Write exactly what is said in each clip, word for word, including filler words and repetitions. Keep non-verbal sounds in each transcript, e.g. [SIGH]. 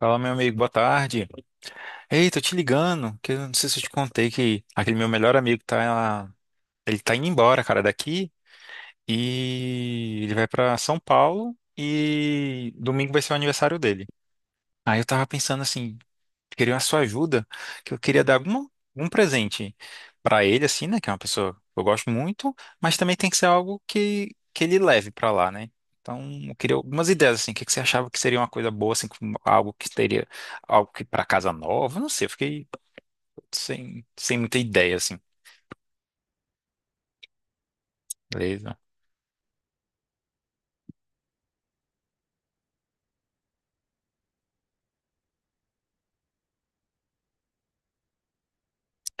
Fala, meu amigo, boa tarde. Ei, tô te ligando, que eu não sei se eu te contei que aquele meu melhor amigo tá, ele tá indo embora, cara, daqui e ele vai pra São Paulo e domingo vai ser o aniversário dele. Aí eu tava pensando assim, queria a sua ajuda, que eu queria dar algum algum presente pra ele, assim, né? Que é uma pessoa que eu gosto muito, mas também tem que ser algo que, que ele leve pra lá, né? Então, eu queria algumas ideias, assim, o que que você achava que seria uma coisa boa, assim, com algo que teria, algo que pra casa nova, não sei, eu fiquei sem, sem muita ideia, assim, beleza?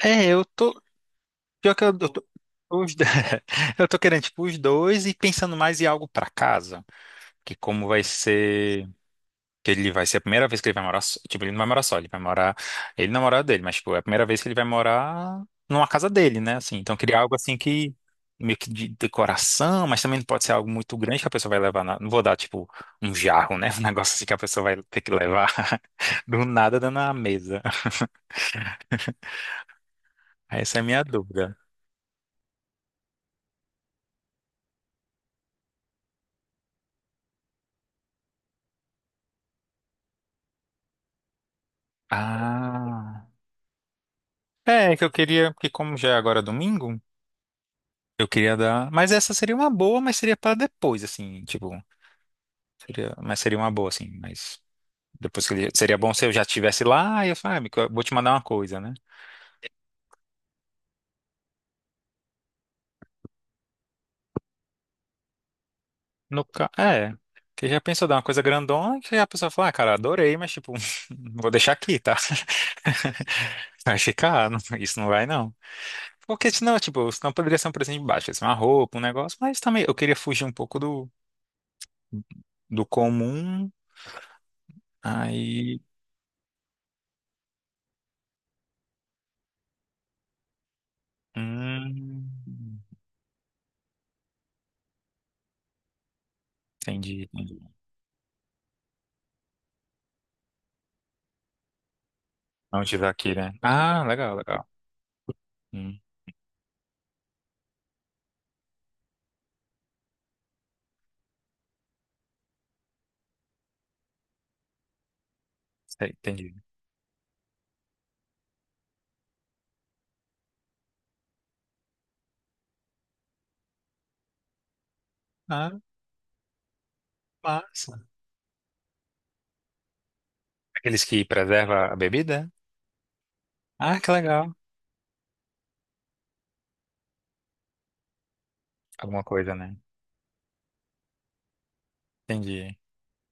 É, eu tô, pior que eu, eu tô, os, do- [LAUGHS] eu tô querendo, tipo, os dois e pensando mais em algo pra casa, que como vai ser. Que ele vai ser a primeira vez que ele vai morar, so- tipo, ele não vai morar só, ele vai morar, ele na morada dele, mas tipo, é a primeira vez que ele vai morar numa casa dele, né, assim. Então queria algo assim que meio que de decoração, mas também não pode ser algo muito grande que a pessoa vai levar na... Não vou dar tipo um jarro, né? [LAUGHS] Um negócio assim que a pessoa vai ter que levar [LAUGHS] do nada dando na mesa. Essa é a minha dúvida. Ah. É, é que eu queria, porque como já é agora domingo, eu queria dar, mas essa seria uma boa, mas seria para depois, assim, tipo, seria, mas seria uma boa assim, mas depois que ele... Seria bom se eu já estivesse lá e eu falo, ah, amigo, eu vou te mandar uma coisa, né? No ca... É. Que já pensou dar uma coisa grandona que a pessoa fala, ah, cara, adorei, mas tipo, [LAUGHS] não vou deixar aqui, tá? [LAUGHS] Vai ficar, não- isso não vai não. Porque senão, tipo, senão poderia ser um presente de baixo, ia uma roupa, um negócio, mas também eu queria fugir um pouco do, do comum. Aí. Hum, entendi. Entendi. Não tiver aqui, né? Ah, legal, legal. Hum, sei, entendi. Ah, massa. Aqueles que preserva a bebida? Ah, que legal. Alguma coisa, né? Entendi.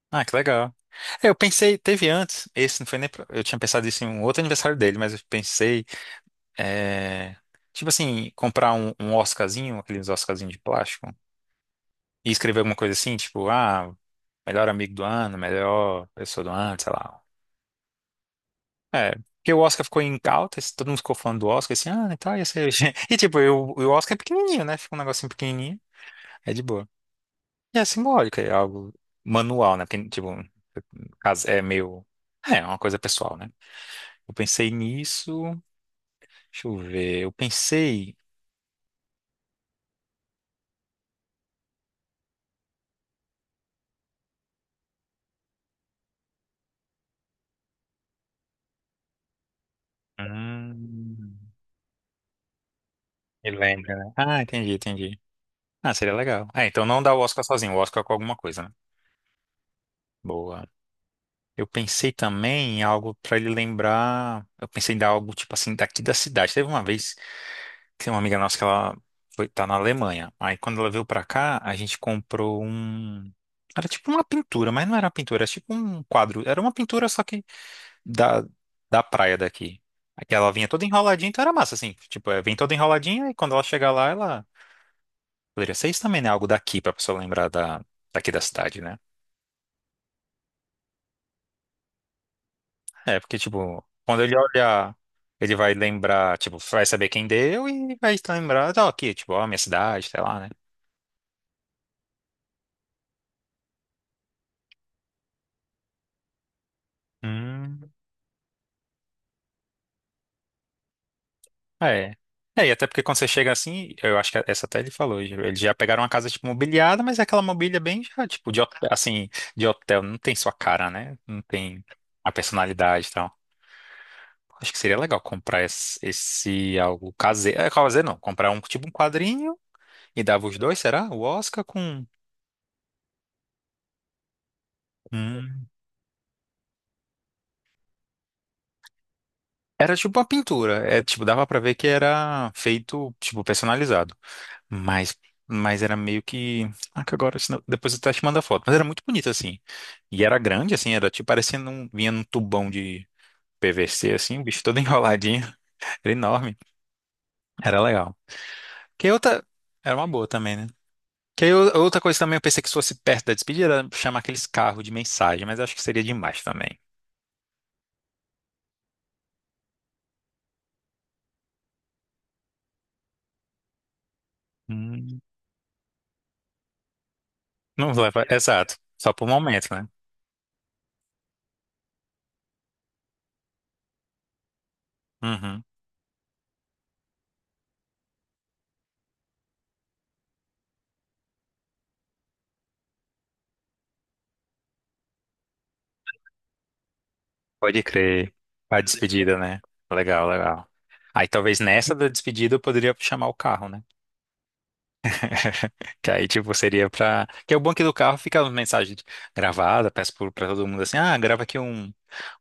Ah, que legal. É, eu pensei, teve antes, esse não foi nem. pro- Eu tinha pensado isso em um outro aniversário dele, mas eu pensei, é, tipo assim, comprar um, um Oscarzinho, aqueles Oscarzinhos de plástico, e escrever alguma coisa assim, tipo, ah, melhor amigo do ano, melhor pessoa do ano, sei lá. É, porque o Oscar ficou em alta, esse- todo mundo ficou falando do Oscar, assim, ah, e tal, ia ser. [LAUGHS] E tipo, eu, o Oscar é pequenininho, né? Fica um negocinho pequenininho, é de boa. É simbólica, é algo manual, né? Porque, tipo, no caso, é meio. É, é uma coisa pessoal, né? Eu pensei nisso. Deixa eu ver. Eu pensei. Hum, me lembra, né? Ah, entendi, entendi. Ah, seria legal. É, então não dá o Oscar sozinho, o Oscar é com alguma coisa, né? Boa. Eu pensei também em algo pra ele lembrar. Eu pensei em dar algo, tipo assim, daqui da cidade. Teve uma vez. Tem uma amiga nossa que ela foi, tá na Alemanha. Aí quando ela veio pra cá, a gente comprou um. Era tipo uma pintura, mas não era uma pintura, era tipo um quadro. Era uma pintura só que da, da praia daqui. Aqui ela vinha toda enroladinha, então era massa, assim. Tipo, é, vem toda enroladinha e quando ela chegar lá, ela. Poderia ser isso também, né? Algo daqui pra pessoa lembrar da, daqui da cidade, né? É, porque, tipo, quando ele olhar, ele vai lembrar, tipo, vai saber quem deu e vai lembrar, ó, aqui, tipo, ó, minha cidade, sei lá, né? Hum. É. É, e até porque quando você chega assim, eu acho que essa até ele falou, eles já pegaram uma casa, tipo, mobiliada, mas é aquela mobília bem, já, tipo, de hotel, assim, de hotel, não tem sua cara, né? Não tem a personalidade e tal. Acho que seria legal comprar esse, esse algo caseiro, é, caseiro não, comprar um, tipo, um quadrinho e dava os dois, será? O Oscar com... com- Era tipo uma pintura, é, tipo, dava pra ver que era feito, tipo, personalizado. Mas, mas era meio que. Ah, que agora, senão- depois eu até te mando a foto. Mas era muito bonito, assim. E era grande, assim, era tipo parecendo um. Vinha num tubão de P V C, assim, o bicho todo [LAUGHS] enroladinho. Era enorme. Era legal. Que outra. Era uma boa também, né? Que aí ou- outra coisa também eu pensei que fosse perto da despedida era chamar aqueles carros de mensagem, mas acho que seria demais também. Hum, não leva. Exato. Só por momento, né? Uhum. Pode crer. A despedida, né? Legal, legal. Aí talvez nessa da despedida eu poderia chamar o carro, né? Que aí, tipo, seria pra. Que é o banco do carro fica uma mensagem gravada, peço pro- pra todo mundo assim, ah, grava aqui um...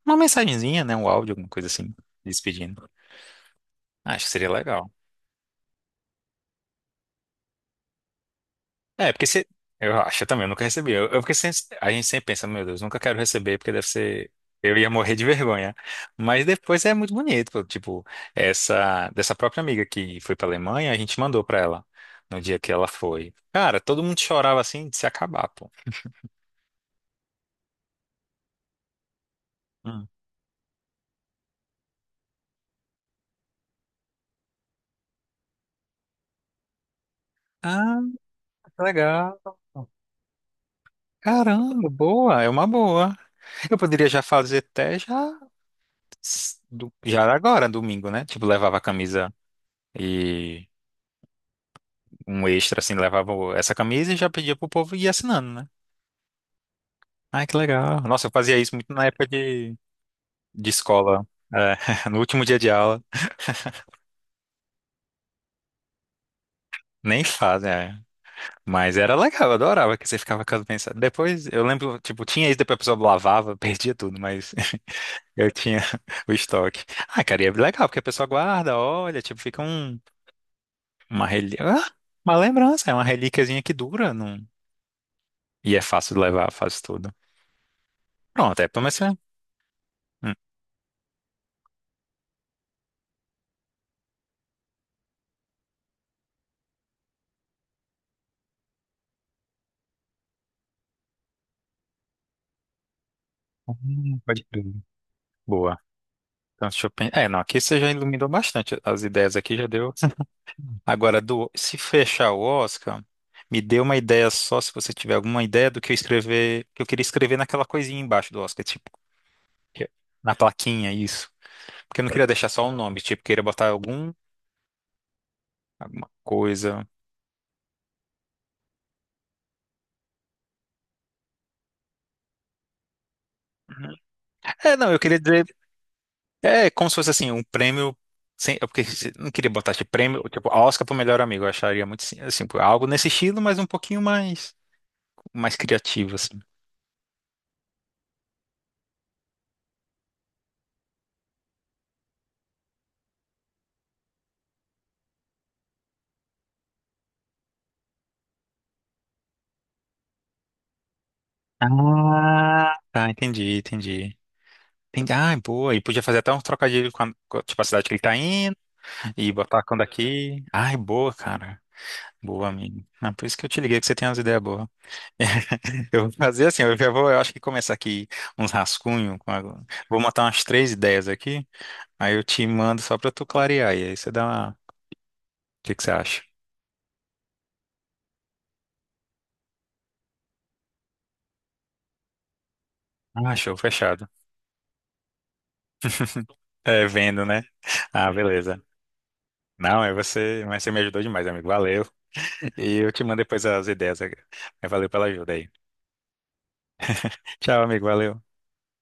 uma mensagenzinha, né? Um áudio, alguma coisa assim, despedindo. Acho que seria legal. É, porque se. Eu acho eu também, eu nunca recebi. Eu, eu- porque sem- a gente sempre pensa, meu Deus, nunca quero receber, porque deve ser. Eu ia morrer de vergonha. Mas depois é muito bonito, pô. Tipo, essa dessa própria amiga que foi pra Alemanha, a gente mandou pra ela no dia que ela foi. Cara, todo mundo chorava assim de se acabar, pô. Hum. Legal. Caramba, boa, é uma boa. Eu poderia já fazer até já, do- já agora, domingo, né? Tipo, levava a camisa e um extra, assim, levava o- essa camisa e já pedia pro povo ir assinando, né? Ai, que legal. Nossa, eu fazia isso muito na época de, de escola, é, [LAUGHS] no último dia de aula. Nem fazem, é. Mas era legal, eu adorava que você ficava com as mensagens. Depois, eu lembro, tipo, tinha isso, depois a pessoa lavava, [LAUGHS] perdia tudo, mas eu tinha [LAUGHS] o estoque. Ah, cara, e é legal, porque a pessoa guarda, olha, tipo, fica um, uma relíquia. Ah, uma lembrança, é uma relíquiazinha que dura. Não... E é fácil de levar, faz tudo. Pronto, é pra você. Hum. Hum, pode crer. Boa. Então, deixa eu pensar. É, não, aqui você já iluminou bastante. As ideias aqui já deu. Agora, do, se fechar o Oscar, me dê uma ideia só, se você tiver alguma ideia do que eu escrever, que eu queria escrever naquela coisinha embaixo do Oscar, tipo, que- na plaquinha, isso. Porque eu não queria deixar só o nome, tipo, queria botar algum, alguma coisa. É, não, eu queria dizer, é como se fosse assim, um prêmio, sem, é porque se- não queria botar tipo prêmio, tipo, Oscar pro melhor amigo, eu acharia muito, assim, assim, tipo, algo nesse estilo, mas um pouquinho mais, mais criativo, assim. Ah, tá, entendi, entendi. Tem, ai, boa. E podia fazer até um trocadilho com a, com a- tipo, a cidade que ele tá indo e botar quando aqui. Ai, boa, cara. Boa, amigo. Ah, por isso que eu te liguei, que você tem umas ideias boas. [LAUGHS] Eu vou fazer assim, eu já vou, eu acho que começar aqui uns rascunhos. com a- Vou montar umas três ideias aqui, aí eu te mando só pra tu clarear. E aí você dá uma. O que que você acha? Ah, show, fechado. É, vendo, né? Ah, beleza. Não, é você, mas você me ajudou demais, amigo. Valeu. E eu te mando depois as ideias. Mas valeu pela ajuda aí. Tchau, amigo. Valeu.